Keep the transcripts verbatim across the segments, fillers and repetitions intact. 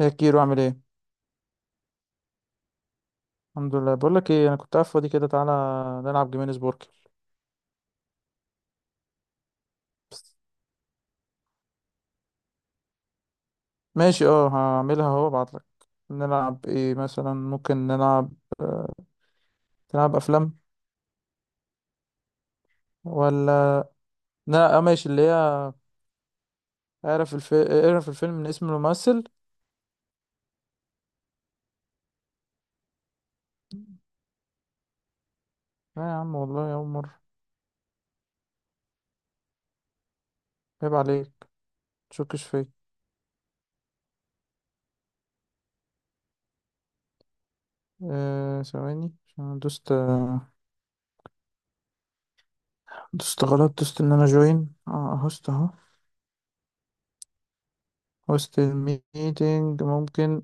ايه كيرو عامل ايه؟ الحمد لله. بقول لك ايه، انا كنت قاعد فاضي كده. تعالى نلعب جيمينيز بورك. ماشي، اه هعملها اهو، ابعت لك. نلعب ايه مثلا؟ ممكن نلعب نلعب افلام، ولا؟ لا اه ماشي، اللي هي، اعرف الف... اعرف الفيلم من اسم الممثل. لا يا عم والله يا عمر، عيب عليك، تشكش فيا. آه، ثواني عشان أنا دوست آه، دوست غلط دوست ان انا جوين اه هوست اهو، هوست الميتنج. ممكن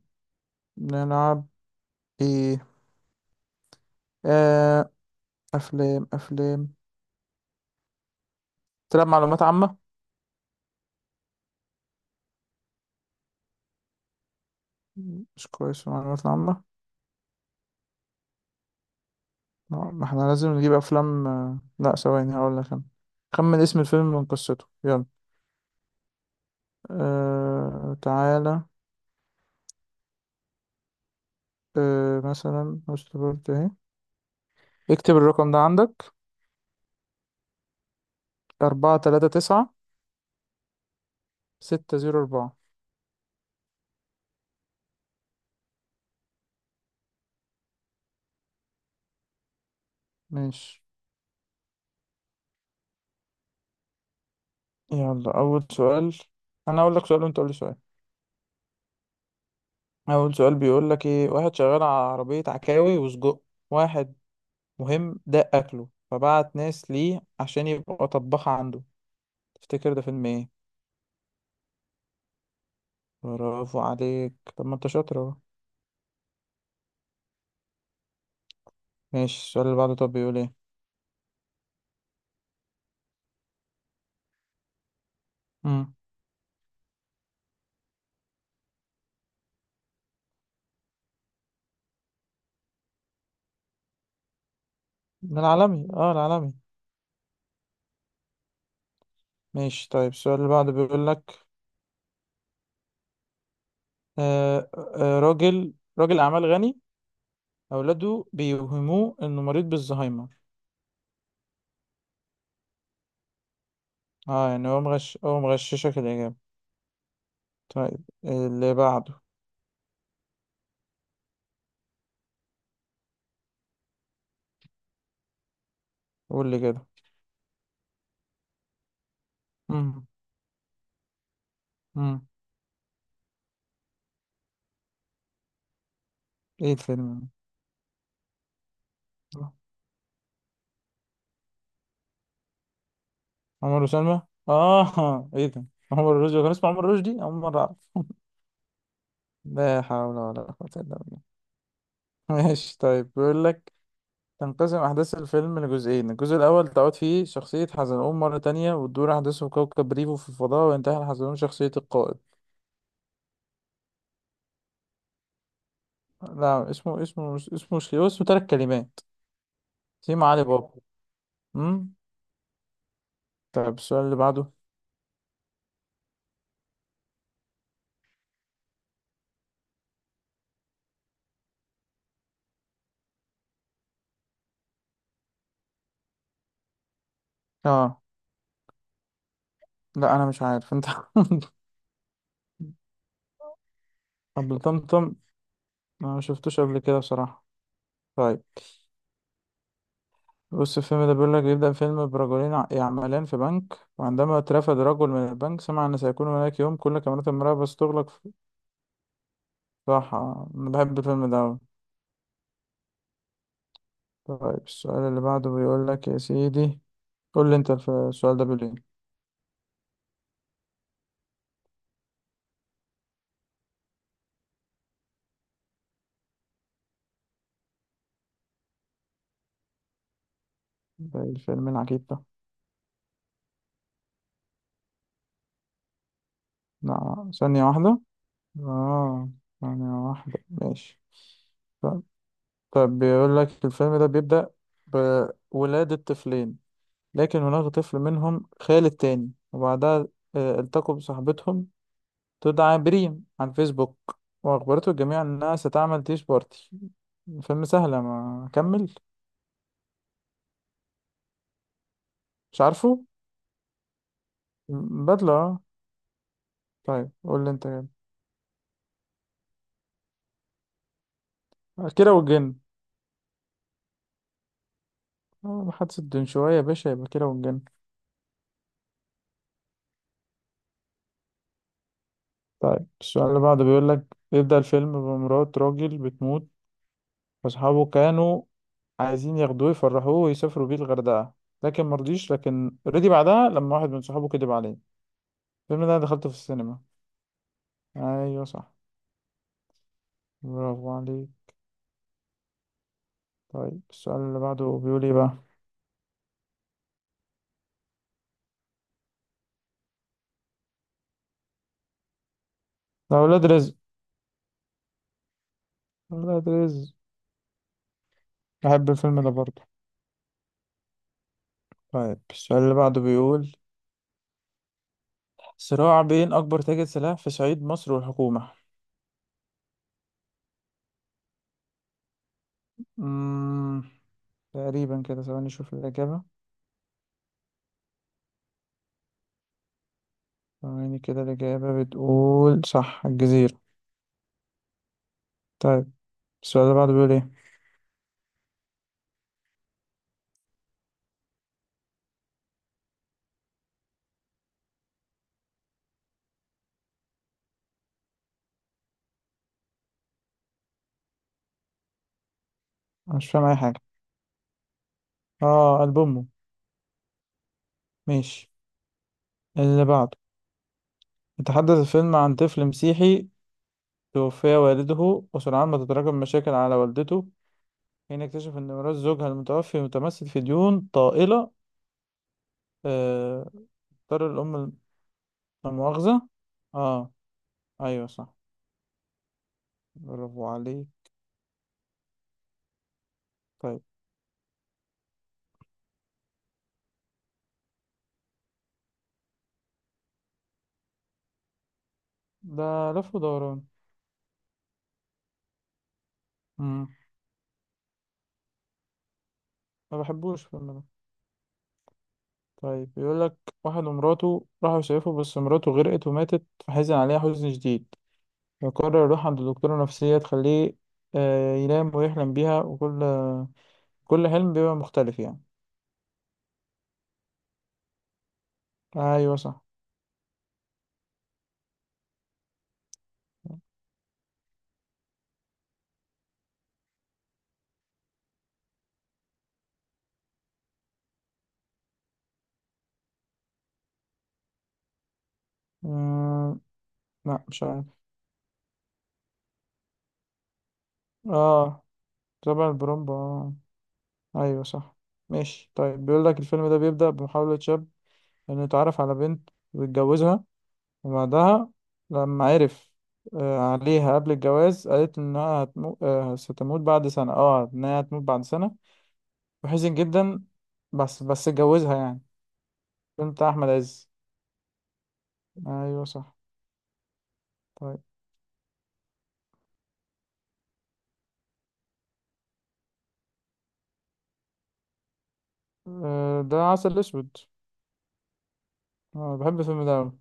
نلعب ايه؟ آه، أفلام، أفلام، تلعب معلومات عامة. مش كويس في المعلومات العامة. لا، ما احنا لازم نجيب أفلام. آه، لا ثواني هقول لك أنا. خمن اسم الفيلم من قصته، يلا. أه... تعالى. أه... مثلا افتكرت اهي. اكتب الرقم ده عندك: أربعة تلاتة تسعة، ستة زيرو أربعة. ماشي، يلا. أول سؤال. أنا أقول لك سؤال وأنت قول لي سؤال. أول سؤال بيقول لك إيه: واحد شغال على عربية عكاوي وسجق، واحد مهم ده أكله، فبعت ناس ليه عشان يبقى طباخة عنده. تفتكر ده فيلم إيه؟ برافو عليك. طب ما أنت شاطر أهو. ماشي، السؤال اللي بعده طب بيقول إيه؟ مم. ده العالمي، أه العالمي. ماشي طيب، السؤال اللي بعده بيقول لك: آه آه آه، راجل راجل أعمال غني، أولاده بيوهموه إنه مريض بالزهايمر. أه يعني هو مغش هو مغششك الإجابة. طيب اللي بعده. قول لي كده. مم. مم. إيه الفيلم ده؟ عمر وسلمى. اه، ايه ده، عمر الرشدي كان اسمه عمر الرشدي، اول مرة اعرف. لا حول ولا قوة الا بالله. ماشي طيب بيقول لك: تنقسم أحداث الفيلم لجزئين، الجزء الأول تعود فيه شخصية حزلقوم مرة تانية، وتدور أحداثه في كوكب ريفو في الفضاء، وينتحل حزلقوم شخصية القائد. لا، اسمه اسمه مش، اسمه مش كده، اسمه تلات كلمات. سيما علي بابا. امم. طيب السؤال اللي بعده. اه، لا أنا مش عارف أنت. أبو طمطم. أنا ما شفتوش قبل كده بصراحة. طيب. بص الفيلم ده بيقول لك: يبدأ فيلم برجلين ع- يعملان في بنك، وعندما اترفد رجل من البنك سمع أن سيكون هناك يوم كل كاميرات المراقبة ستغلق في راحة. أنا بحب الفيلم ده أوي. طيب السؤال اللي بعده بيقول لك، يا سيدي، قول لي أنت. الف- السؤال ده بيقول إيه؟ ده الفيلم العجيب ده. لا، ثانية واحدة. آه، ثانية واحدة، ماشي. طيب. طيب بيقول لك: الفيلم ده بيبدأ بولادة طفلين، لكن هناك طفل منهم خال التاني، وبعدها آه، التقوا بصاحبتهم تدعى بريم عن فيسبوك، وأخبرته الجميع إنها ستعمل تيش بارتي. فيلم سهلة، ما أكمل. مش عارفه. بدلة، آه. طيب قول لي أنت كده. كيرة والجن. آه، محادثة دون شوية يا باشا، يبقى كيرة والجن. طيب السؤال اللي بعده بيقول لك: يبدأ الفيلم بمرات راجل بتموت، وأصحابه كانوا عايزين ياخدوه يفرحوه ويسافروا بيه الغردقة، لكن مرضيش، لكن رضي بعدها لما واحد من صحابه كدب عليه. الفيلم ده أنا دخلته في السينما. أيوة صح. برافو عليك. طيب السؤال اللي بعده بيقول ايه بقى؟ ده ولاد رزق. ولاد رزق. بحب الفيلم ده برضه. طيب السؤال اللي بعده بيقول: صراع بين أكبر تاجر سلاح في صعيد مصر والحكومة. مم. تقريبا كده. ثواني أشوف الإجابة. ثواني كده. الإجابة بتقول صح، الجزيرة. طيب السؤال اللي بعده بيقول ايه؟ أنا مش فاهم أي حاجة. اه، ألبوم أمه. ماشي، اللي بعده: يتحدث الفيلم عن طفل مسيحي، توفي والده، وسرعان ما تتراكم مشاكل على والدته، حين اكتشف أن ميراث زوجها المتوفي متمثل في ديون طائلة. آه، اضطر الأم الم-. لا مؤاخذة. اه. أيوه صح. برافو عليك. طيب. ده لف ودوران. مم. ما بحبوش الفيلم ده. طيب بيقول لك: واحد ومراته راحوا يصيفوا، بس مراته غرقت وماتت، فحزن عليها حزن شديد، فقرر يروح عند دكتورة نفسية تخليه آه، ينام ويحلم بيها، وكل كل حلم بيبقى مختلف يعني. أيوه صح. مم، لا مش عارف. اه، تبع البرومبا، آه. ايوه صح. ماشي طيب بيقول لك: الفيلم ده بيبدأ بمحاولة شاب انه يتعرف على بنت ويتجوزها، وبعدها لما عرف آه، عليها قبل الجواز، قالت انها هتمو... آه، ستموت بعد سنة، اه انها هتموت بعد سنة، وحزن جدا، بس بس اتجوزها يعني. بنت احمد عز. ايوه صح. طيب. آه، ده عسل اسود. اه بحب الفيلم ده أوي.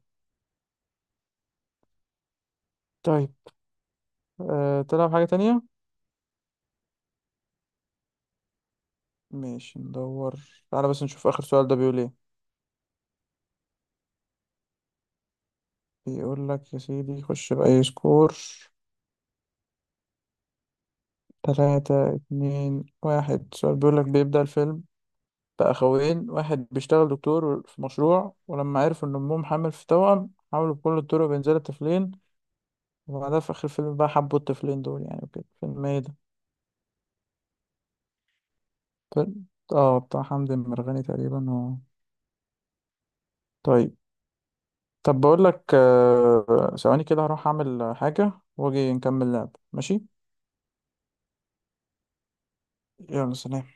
طيب. أه تلعب حاجة تانية؟ ماشي ندور. تعالى بس نشوف آخر سؤال ده بيقول ايه. بيقول لك يا سيدي: خش بأي سكور. تلاتة اتنين واحد، سؤال بيقول لك: بيبدأ الفيلم بأخوين، واحد بيشتغل دكتور في مشروع، ولما عرفوا إن أمهم حامل في توأم، حاولوا بكل الطرق بينزلوا الطفلين، وبعدها في آخر الفيلم بقى حبوا الطفلين دول يعني وكده. فيلم إيه ده؟ فيلم آه، بتاع حمدي مرغني تقريبا و... طيب. طب بقول لك آه، ثواني كده، هروح أعمل حاجة وأجي نكمل لعب، ماشي؟ يلا سلام.